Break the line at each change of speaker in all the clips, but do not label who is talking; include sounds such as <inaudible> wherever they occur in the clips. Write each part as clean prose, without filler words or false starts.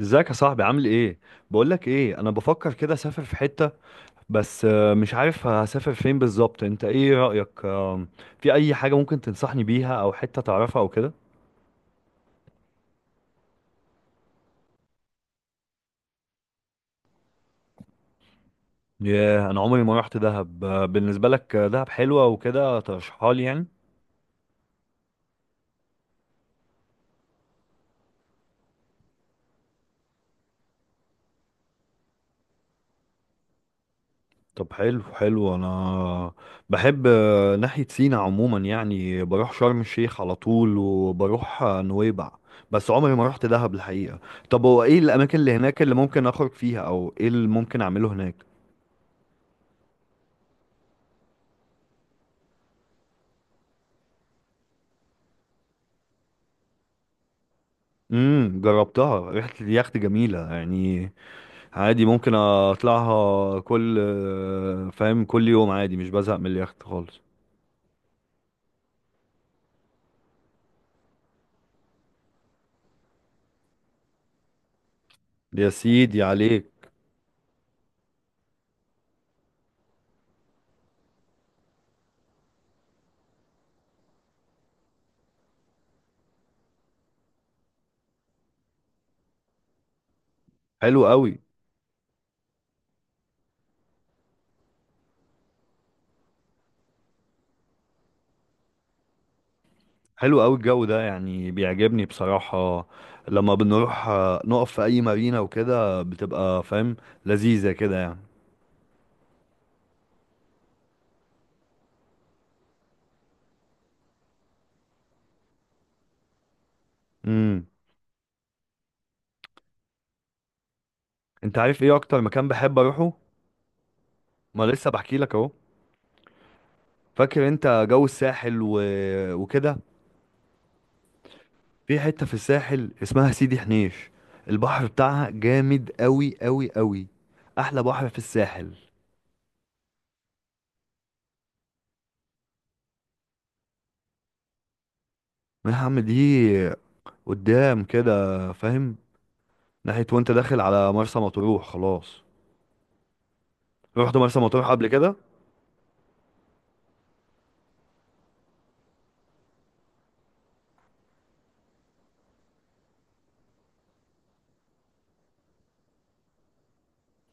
ازيك يا صاحبي، عامل ايه؟ بقولك ايه، انا بفكر كده اسافر في حتة. بس مش عارف هسافر فين بالظبط. انت ايه رأيك؟ في اي حاجة ممكن تنصحني بيها او حتة تعرفها او كده؟ ياه، انا عمري ما رحت دهب. بالنسبة لك دهب حلوة وكده، ترشحها لي يعني؟ طب حلو حلو. انا بحب ناحية سينا عموما، يعني بروح شرم الشيخ على طول وبروح نويبع. بس عمري ما رحت دهب الحقيقة. طب هو ايه الاماكن اللي هناك اللي ممكن اخرج فيها او ايه اللي ممكن اعمله هناك؟ امم، جربتها، ريحة اليخت جميلة يعني. عادي ممكن اطلعها، كل فاهم، كل يوم، عادي مش بزهق من اليخت خالص. يا سيدي عليك. حلو قوي. حلو قوي الجو ده، يعني بيعجبني بصراحة. لما بنروح نقف في اي مارينا وكده، بتبقى فاهم، لذيذة كده يعني. امم. انت عارف ايه اكتر مكان بحب اروحه؟ ما لسه بحكي لك اهو. فاكر انت جو الساحل وكده؟ في حتة في الساحل اسمها سيدي حنيش. البحر بتاعها جامد قوي قوي قوي. احلى بحر في الساحل. نعم، دي قدام كده، فاهم، ناحية وانت داخل على مرسى مطروح خلاص. رحت مرسى مطروح قبل كده؟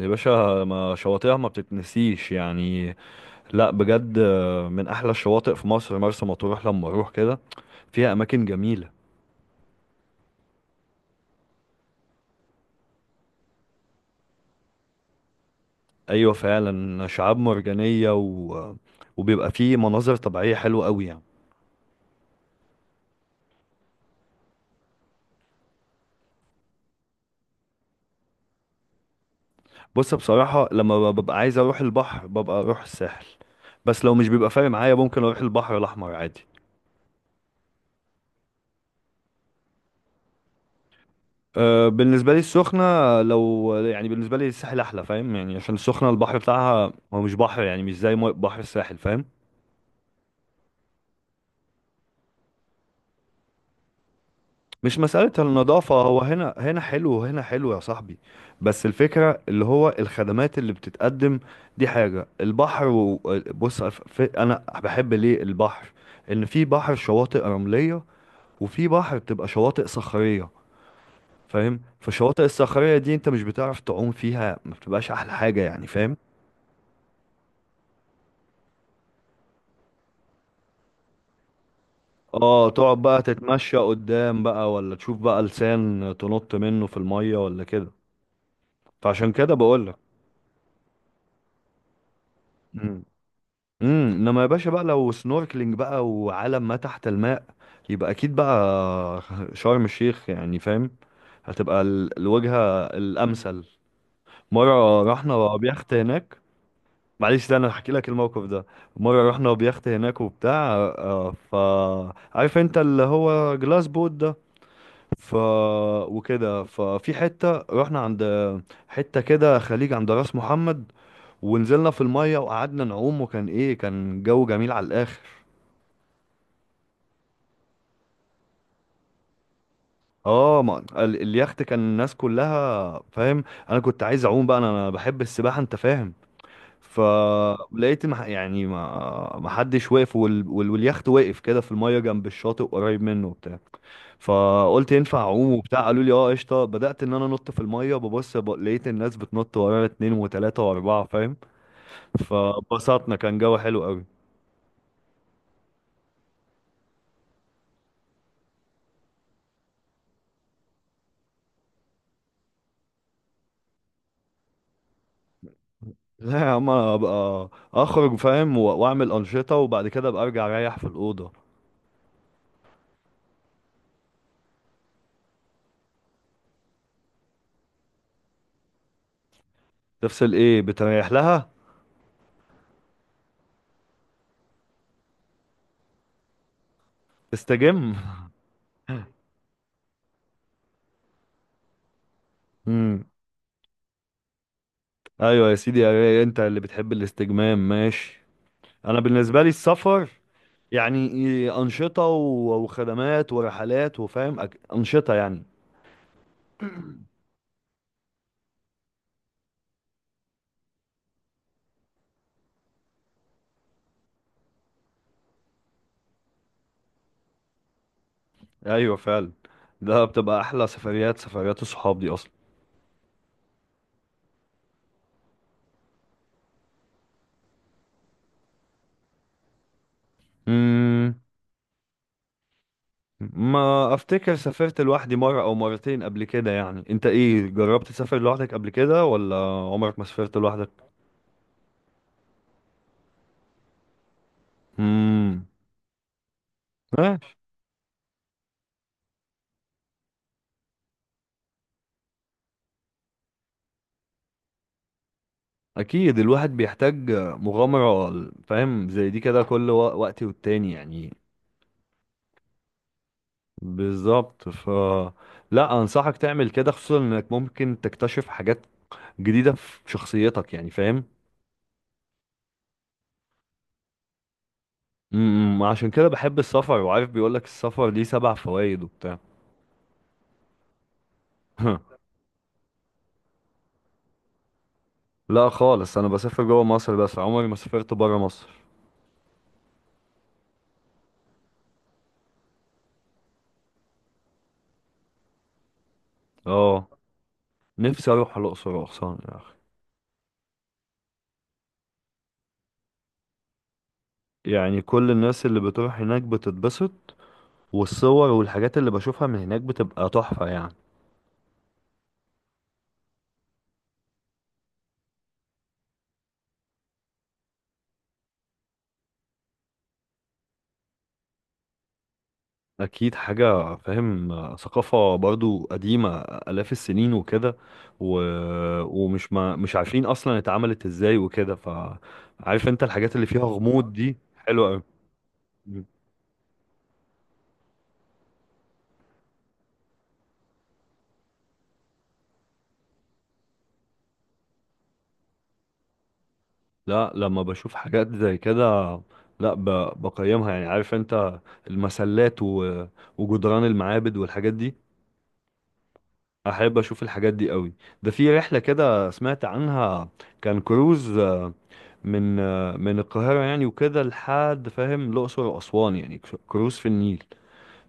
يا باشا، ما شواطئها ما بتتنسيش يعني. لا بجد، من احلى الشواطئ في مصر مرسى مطروح. لما اروح كده، فيها اماكن جميلة. ايوه فعلا، شعاب مرجانية وبيبقى فيه مناظر طبيعية حلوة قوي يعني. بص بصراحة، لما ببقى عايز اروح البحر، ببقى اروح الساحل. بس لو مش بيبقى فارق معايا، ممكن اروح البحر الاحمر عادي. أه، بالنسبة لي السخنة لو يعني، بالنسبة لي الساحل احلى فاهم يعني، عشان السخنة البحر بتاعها هو مش بحر يعني، مش زي بحر الساحل، فاهم. مش مسألة النظافة، هو هنا هنا حلو وهنا حلو يا صاحبي، بس الفكرة اللي هو الخدمات اللي بتتقدم. دي حاجة البحر. و... بص انا بحب ليه البحر؟ ان في بحر شواطئ رملية، وفي بحر بتبقى شواطئ صخرية، فاهم. فالشواطئ الصخرية دي انت مش بتعرف تعوم فيها، ما بتبقاش احلى حاجة يعني فاهم. اه، تقعد بقى تتمشى قدام بقى، ولا تشوف بقى لسان تنط منه في المية، ولا كده. فعشان كده بقولك. امم امم، انما يا باشا بقى، لو سنوركلينج بقى وعالم ما تحت الماء، يبقى اكيد بقى. <laughs> شرم الشيخ يعني فاهم، هتبقى الوجهة الامثل. مرة رحنا بيخت هناك. معلش، ده انا هحكي لك الموقف ده. مره رحنا بيخت هناك وبتاع، آه، ف عارف انت اللي هو جلاس بوت ده. ف وكده، ففي حته رحنا عند حته كده، خليج عند راس محمد، ونزلنا في الميه وقعدنا نعوم، وكان ايه، كان جو جميل على الاخر. اه، ما اليخت كان الناس كلها فاهم. انا كنت عايز اعوم بقى، انا بحب السباحه انت فاهم. فلقيت يعني ما حدش واقف، واليخت واقف كده في الميه جنب الشاطئ قريب منه، وبتاع. فقلت ينفع اعوم وبتاع؟ قالوا لي اه قشطه، بدات ان انا انط في الميه، ببص لقيت الناس بتنط ورانا، اتنين وتلاته واربعه، فاهم. فبسطنا، كان جو حلو قوي. <laughs> لا يا عم، أنا ابقى اخرج فاهم، و... واعمل انشطه، وبعد كده ابقى ارجع اريح في الاوضه. تفصل ايه؟ بتريح لها، تستجم. <laughs> امم. ايوه يا سيدي يا ري، انت اللي بتحب الاستجمام، ماشي. انا بالنسبه لي السفر، يعني انشطه وخدمات ورحلات وفاهم، انشطه يعني. ايوه فعلا، ده بتبقى احلى سفريات، سفريات الصحاب دي اصلا. امم. ما افتكر سافرت لوحدي مره او مرتين قبل كده يعني. انت ايه، جربت تسافر لوحدك قبل كده، ولا عمرك ما سافرت لوحدك؟ امم. ماشي. اكيد الواحد بيحتاج مغامره فاهم، زي دي كده كل وقت والتاني يعني. بالظبط. لا، انصحك تعمل كده خصوصا انك ممكن تكتشف حاجات جديده في شخصيتك يعني فاهم. امم. عشان كده بحب السفر. وعارف بيقولك السفر ليه 7 فوائد وبتاع. <laughs> لا خالص، انا بسافر جوه مصر بس، عمري ما سافرت بره مصر. اه، نفسي اروح الاقصر واسوان يا اخي. يعني كل الناس اللي بتروح هناك بتتبسط، والصور والحاجات اللي بشوفها من هناك بتبقى تحفه يعني. اكيد حاجه فاهم، ثقافه برضو قديمه الاف السنين وكده. و... ومش ما... مش عارفين اصلا اتعملت ازاي وكده، فعارف انت الحاجات اللي فيها غموض دي حلوه أوي. لا، لما بشوف حاجات زي كده، لا ب... بقيمها يعني. عارف انت المسلات وجدران المعابد والحاجات دي، احب اشوف الحاجات دي قوي. ده في رحله كده سمعت عنها، كان كروز من من القاهرة يعني وكده لحد فاهم الأقصر وأسوان، يعني كروز في النيل.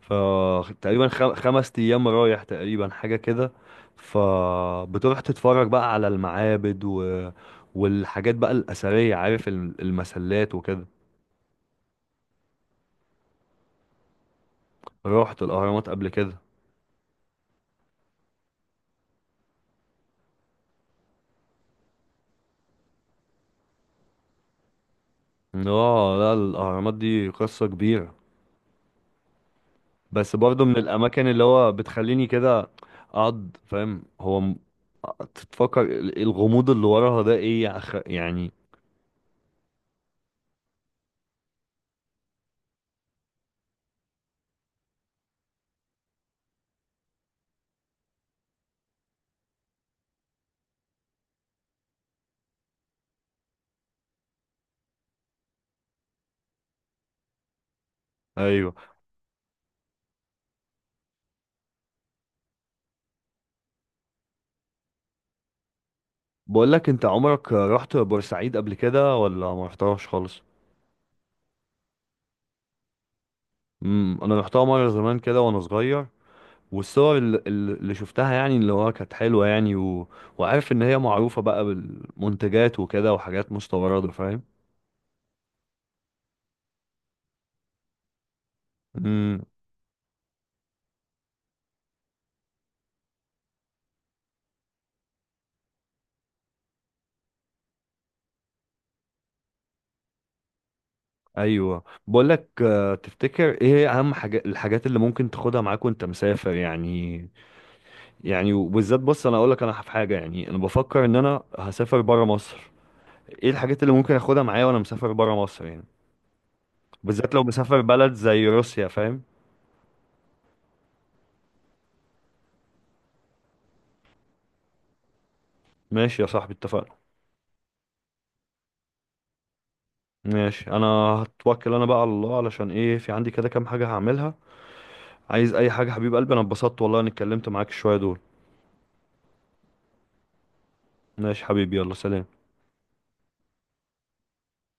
فتقريبا 5 أيام رايح تقريبا حاجة كده. فبتروح تتفرج بقى على المعابد والحاجات بقى الأثرية، عارف المسلات وكده. رحت الأهرامات قبل كده. اه لا، الأهرامات دي قصة كبيرة. بس برضو من الأماكن اللي هو بتخليني كده أقعد فاهم، هو تتفكر الغموض اللي وراها ده ايه يا يعني. ايوه. بقول لك، انت عمرك رحت بورسعيد قبل كده، ولا ما رحتهاش خالص؟ امم، انا رحتها مره زمان كده وانا صغير. والصور اللي شفتها يعني، اللي هو كانت حلوه يعني. و... وعارف ان هي معروفه بقى بالمنتجات وكده، وحاجات مستورده فاهم. امم. ايوه، بقول لك، تفتكر ايه هي اهم حاجه، الحاجات اللي ممكن تاخدها معاك وانت مسافر يعني؟ يعني وبالذات، بص انا اقول لك، انا في حاجه يعني، انا بفكر ان انا هسافر بره مصر. ايه الحاجات اللي ممكن اخدها معايا وانا مسافر بره مصر يعني، بالذات لو مسافر بلد زي روسيا فاهم. ماشي يا صاحبي، اتفقنا. ماشي. انا هتوكل انا بقى على الله، علشان ايه، في عندي كده كام حاجة هعملها. عايز اي حاجة حبيب قلبي، انا اتبسطت والله اني اتكلمت معاك شوية دول. ماشي حبيبي، يلا سلام.